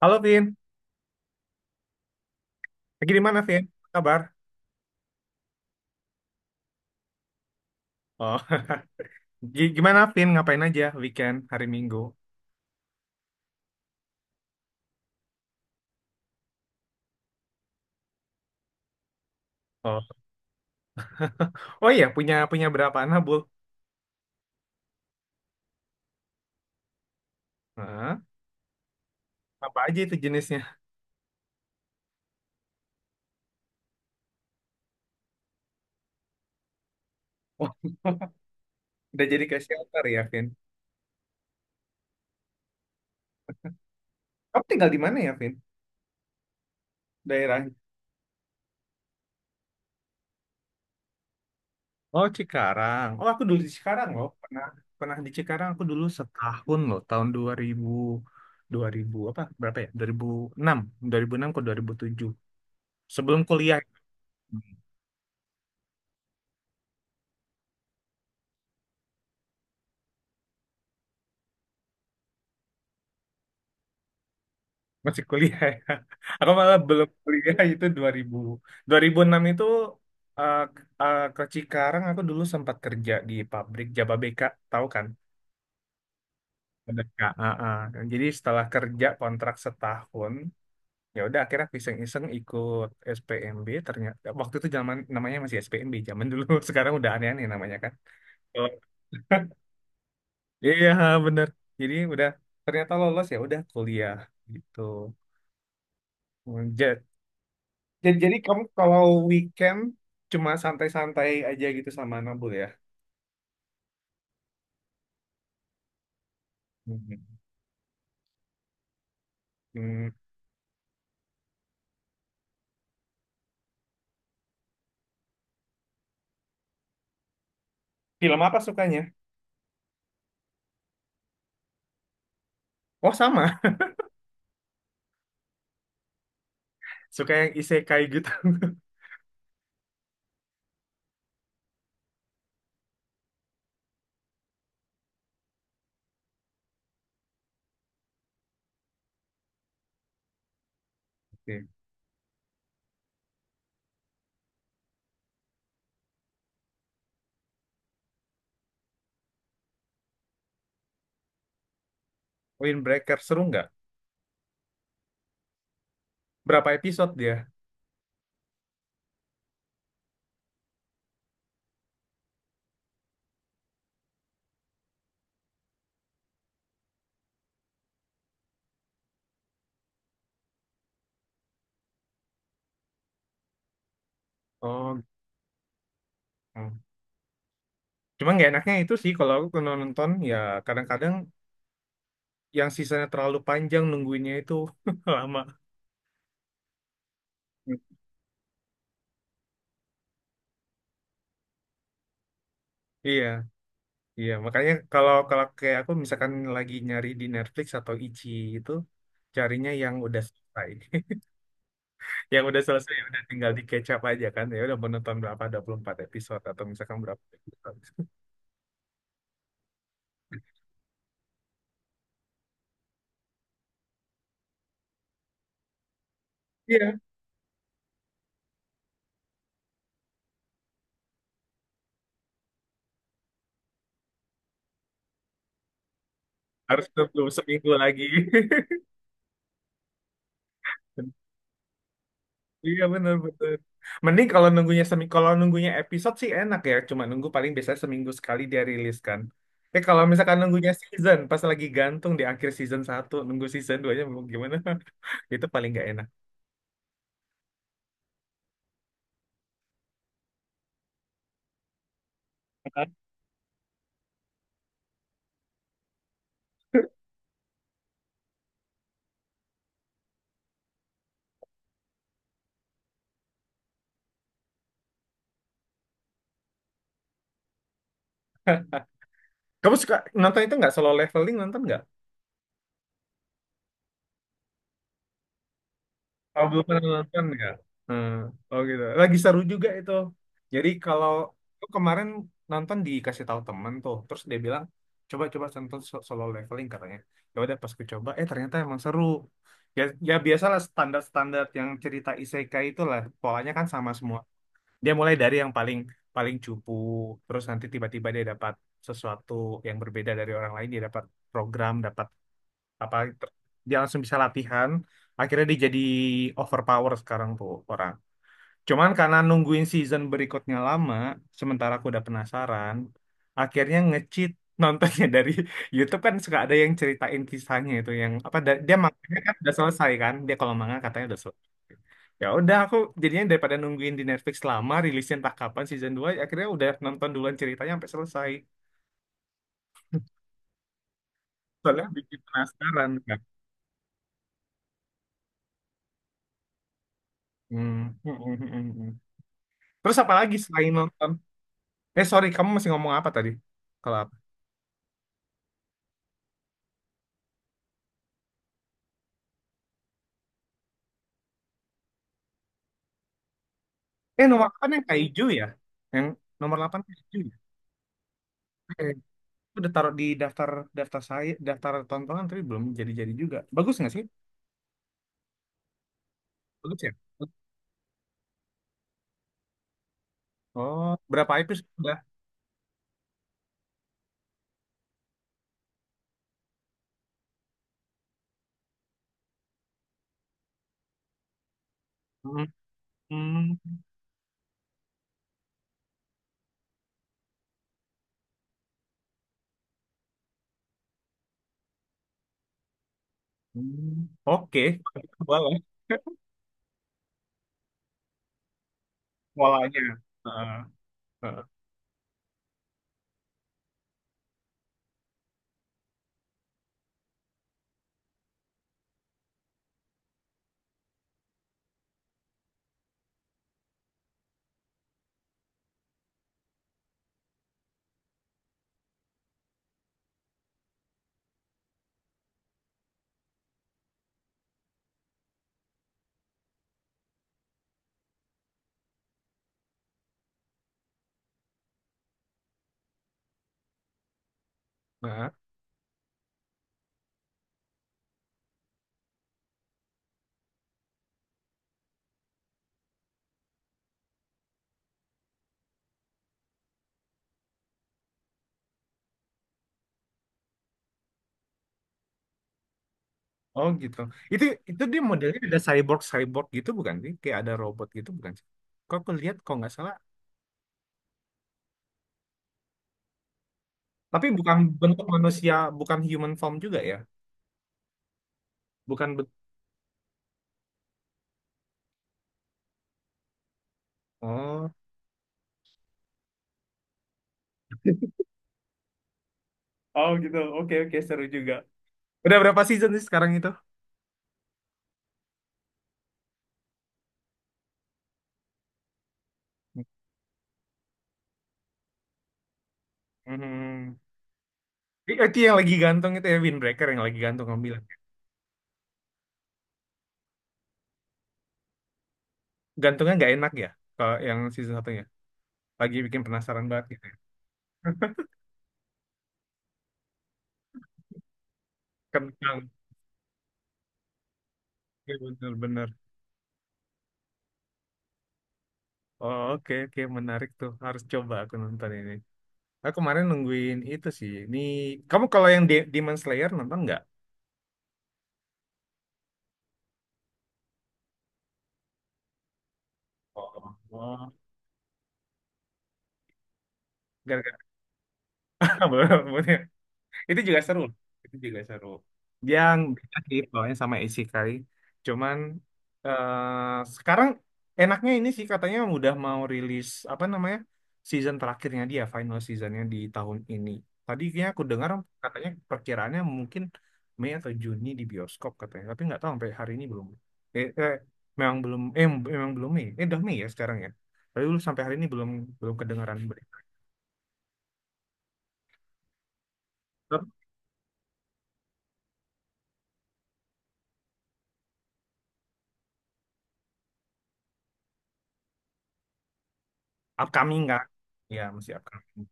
Halo Vin, lagi di mana Vin? Apa kabar? Oh, Gimana Vin? Ngapain aja weekend hari Minggu? Oh, oh iya punya punya berapa anak Bul? Hah? Apa aja itu jenisnya? Oh, udah jadi ke shelter ya Vin. Kamu tinggal di mana ya Vin? Daerahnya? Oh Cikarang. Oh aku dulu di Cikarang loh. Pernah pernah di Cikarang aku dulu setahun loh. Tahun dua ribu apa berapa ya? Dua dua ribu enam, 2006 ke 2007, sebelum kuliah. Masih kuliah ya. Aku malah belum kuliah itu 2000. 2006 itu ke Cikarang aku dulu sempat kerja di pabrik Jababeka, tahu kan? Merdeka. Ah, ah. Jadi setelah kerja kontrak setahun, ya udah akhirnya aku iseng-iseng ikut SPMB, ternyata waktu itu zaman namanya masih SPMB zaman dulu. Sekarang udah aneh-aneh namanya kan. Oh. Iya, bener. Jadi udah ternyata lolos ya udah kuliah gitu. Jadi kamu kalau weekend cuma santai-santai aja gitu sama Nabul ya? Mhm. Hmm. Film apa sukanya? Oh sama, suka yang isekai gitu. Oke. Windbreaker seru nggak? Berapa episode dia? Oh, gitu. Cuma nggak enaknya itu sih kalau aku kalau nonton ya kadang-kadang yang sisanya terlalu panjang nungguinnya itu lama. Iya, iya. Makanya kalau kalau kayak aku misalkan lagi nyari di Netflix atau Ichi itu carinya yang udah selesai. Yang udah selesai ya udah tinggal di catch up aja kan, ya udah menonton berapa, 24 episode atau misalkan berapa episode. Iya, harus nunggu seminggu lagi. Iya, benar benar. Mending kalau nunggunya seminggu, kalau nunggunya episode sih enak ya, cuma nunggu paling biasanya seminggu sekali dia rilis kan. Eh kalau misalkan nunggunya season pas lagi gantung di akhir season satu nunggu season 2 nya mau gimana. Itu paling nggak enak. Kamu suka nonton itu nggak, solo leveling, nonton nggak? Oh, belum pernah nonton ya? Hmm. Oh gitu. Lagi seru juga itu. Jadi kalau aku kemarin nonton dikasih tahu temen tuh, terus dia bilang coba coba nonton solo leveling katanya. Ya udah pas ku coba, eh ternyata emang seru. Ya, ya, biasalah standar-standar yang cerita isekai itulah polanya kan sama semua. Dia mulai dari yang paling paling cupu, terus nanti tiba-tiba dia dapat sesuatu yang berbeda dari orang lain, dia dapat program, dapat apa dia langsung bisa latihan, akhirnya dia jadi overpower sekarang tuh orang. Cuman karena nungguin season berikutnya lama, sementara aku udah penasaran, akhirnya nge-cheat nontonnya dari YouTube, kan suka ada yang ceritain kisahnya itu, yang apa dia manganya kan udah selesai kan, dia kalau manga katanya udah selesai, ya udah aku jadinya daripada nungguin di Netflix lama rilisnya entah kapan season dua, akhirnya udah nonton duluan ceritanya sampai selesai, soalnya bikin penasaran kan. Hmm. Terus apa lagi selain nonton? Eh sorry, kamu masih ngomong apa tadi? Kalau apa? Eh, nomor 8 yang kayak hijau ya? Yang nomor delapan kayak hijau ya? Eh, itu udah taruh di daftar daftar saya, daftar tontonan tapi belum jadi-jadi juga. Bagus nggak sih? Bagus ya? Oh, berapa episode udah? Hmm, hmm, hmm. Oke, boleh. Polanya. Heeh, heeh, heeh. Oh gitu. Itu itu dia modelnya ada cyborg cyborg gitu bukan sih? Kayak ada robot gitu bukan sih? Kok aku lihat kok nggak salah. Tapi bukan bentuk manusia, bukan human form juga ya? Bukan bentuk. Oh. Oh gitu, oke, oke, seru juga. Udah berapa season sih sekarang itu? Hmm. Itu yang lagi gantung itu ya, Windbreaker yang lagi gantung kamu bilang. Gantungnya nggak enak ya kalau yang season satunya. Lagi bikin penasaran banget gitu, ya. Kentang. Iya, bener-bener. Oh, oke, oke, menarik tuh. Harus coba aku nonton ini. Aku kemarin nungguin itu sih. Ini kamu kalau yang Demon Slayer nonton nggak? Oh, oh. Gara-gara belum. Itu juga seru. Itu juga seru. Yang beda sih pokoknya sama Isekai. Cuman eh sekarang enaknya ini sih katanya udah mau rilis apa namanya, season terakhirnya dia, final seasonnya di tahun ini. Tadi kayaknya aku dengar katanya perkiraannya mungkin Mei atau Juni di bioskop katanya, tapi nggak tahu sampai hari ini belum. Eh, eh eh, memang belum Mei. Eh, udah Mei ya sekarang ya. Tapi dulu sampai hari ini belum, kedengaran berita. Upcoming nggak? Ya masih upcoming.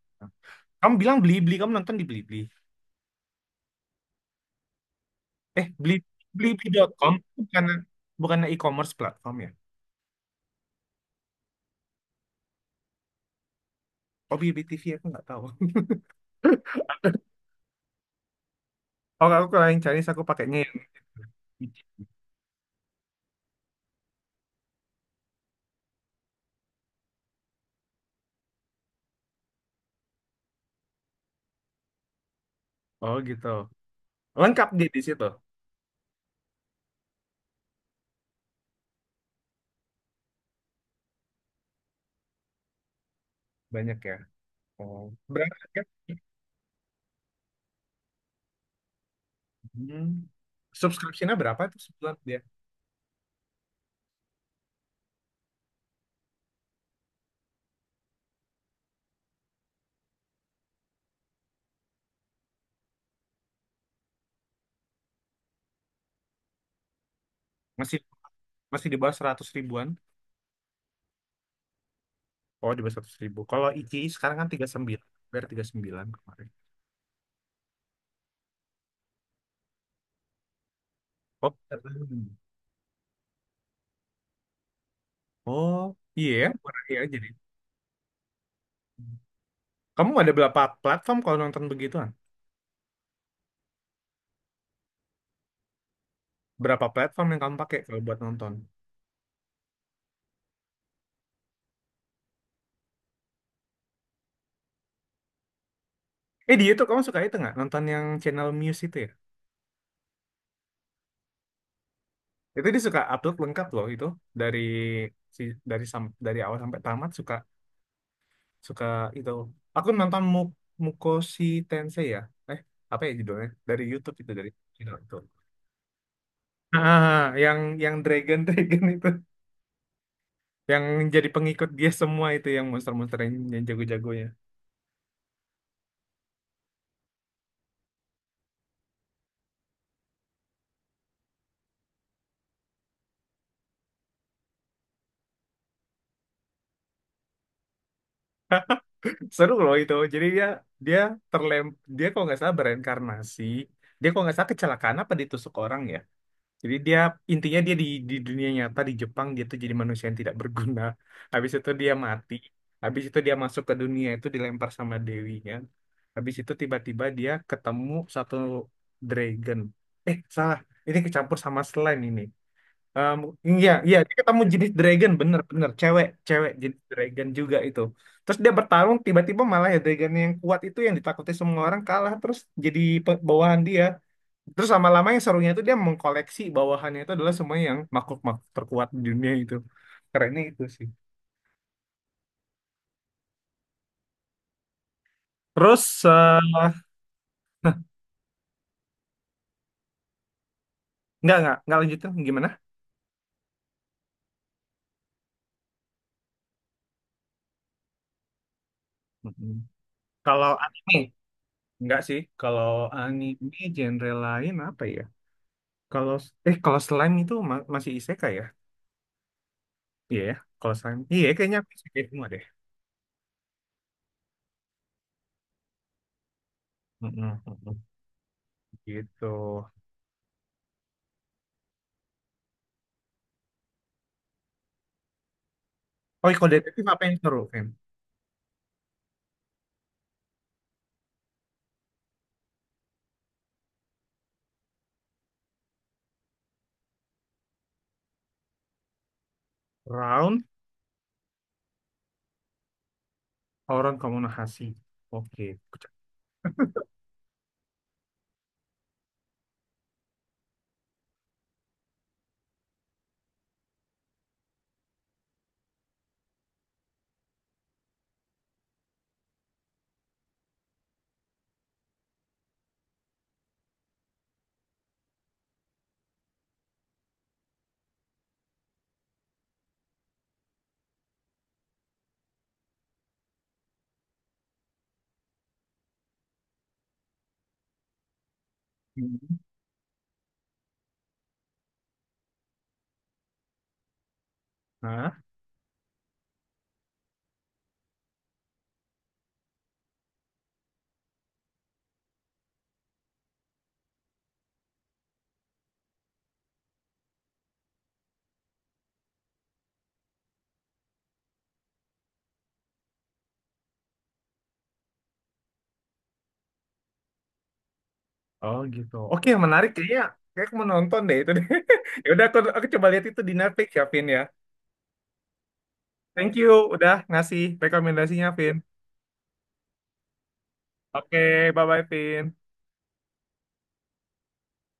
Kamu bilang Blibli, kamu nonton di Blibli. Eh, Bli, Blibli.com, bukan bukan e-commerce platform ya? Oh, BBTV aku nggak tahu. Oh, aku kalau yang Chinese aku pakainya yang Viji. Oh, gitu. Lengkap dia di situ. Banyak ya. Oh, berapa ya? Hmm. Subscription-nya berapa tuh sebulan dia? Masih masih di bawah 100 ribuan. Oh, di bawah 100 ribu. Kalau Ichi sekarang kan 39, bayar 39 kemarin. Oh, hmm. Oh, iya, ya, murah ya jadi. Kamu ada berapa platform kalau nonton begituan? Berapa platform yang kamu pakai kalau buat nonton? Eh, di YouTube kamu suka itu nggak? Nonton yang channel Muse itu ya? Itu dia suka upload lengkap loh itu dari si dari awal sampai tamat, suka suka itu. Aku nonton Mukoshi Tensei ya. Eh, apa ya judulnya? Dari YouTube itu dari channel itu. Ah, ah, ah, yang Dragon Dragon itu yang jadi pengikut dia semua itu, yang monster-monster yang jago-jagonya. Seru loh itu, jadi dia dia terlem dia kalau nggak salah bereinkarnasi, dia kalau nggak salah kecelakaan apa ditusuk orang ya, jadi dia intinya dia di dunia nyata di Jepang dia tuh jadi manusia yang tidak berguna. Habis itu dia mati, habis itu dia masuk ke dunia itu dilempar sama dewinya, habis itu tiba-tiba dia ketemu satu dragon, eh salah, ini kecampur sama slime ini. Um, iya, iya, dia ketemu jenis dragon, bener-bener cewek, cewek jenis dragon juga itu. Terus dia bertarung, tiba-tiba malah ya dragon yang kuat itu yang ditakuti semua orang kalah, terus jadi bawahan dia. Terus lama-lama yang serunya itu dia mengkoleksi bawahannya itu adalah semua yang makhluk-makhluk terkuat di dunia itu. Kerennya itu sih. Terus, eh, nggak lanjutin, gimana? Mm-mm. Kalau anime, nggak sih. Kalau anime genre lain apa ya? Kalau, kalau slime itu masih isekai ya? Iya, ya. Kalau selain iya kayaknya aku suka semua deh. Mm-mm, mm-mm. Gitu. Oh, iya, kalau detektif apa yang seru, Fem? Round Horon Komunikasi. Oke. Aku. Hah? Oh gitu. Oke, menarik kayaknya. Kayak aku mau nonton deh itu deh. Ya udah aku, coba lihat itu di Netflix ya, Vin ya. Thank you udah ngasih rekomendasinya, Vin. Oke, bye-bye, Vin.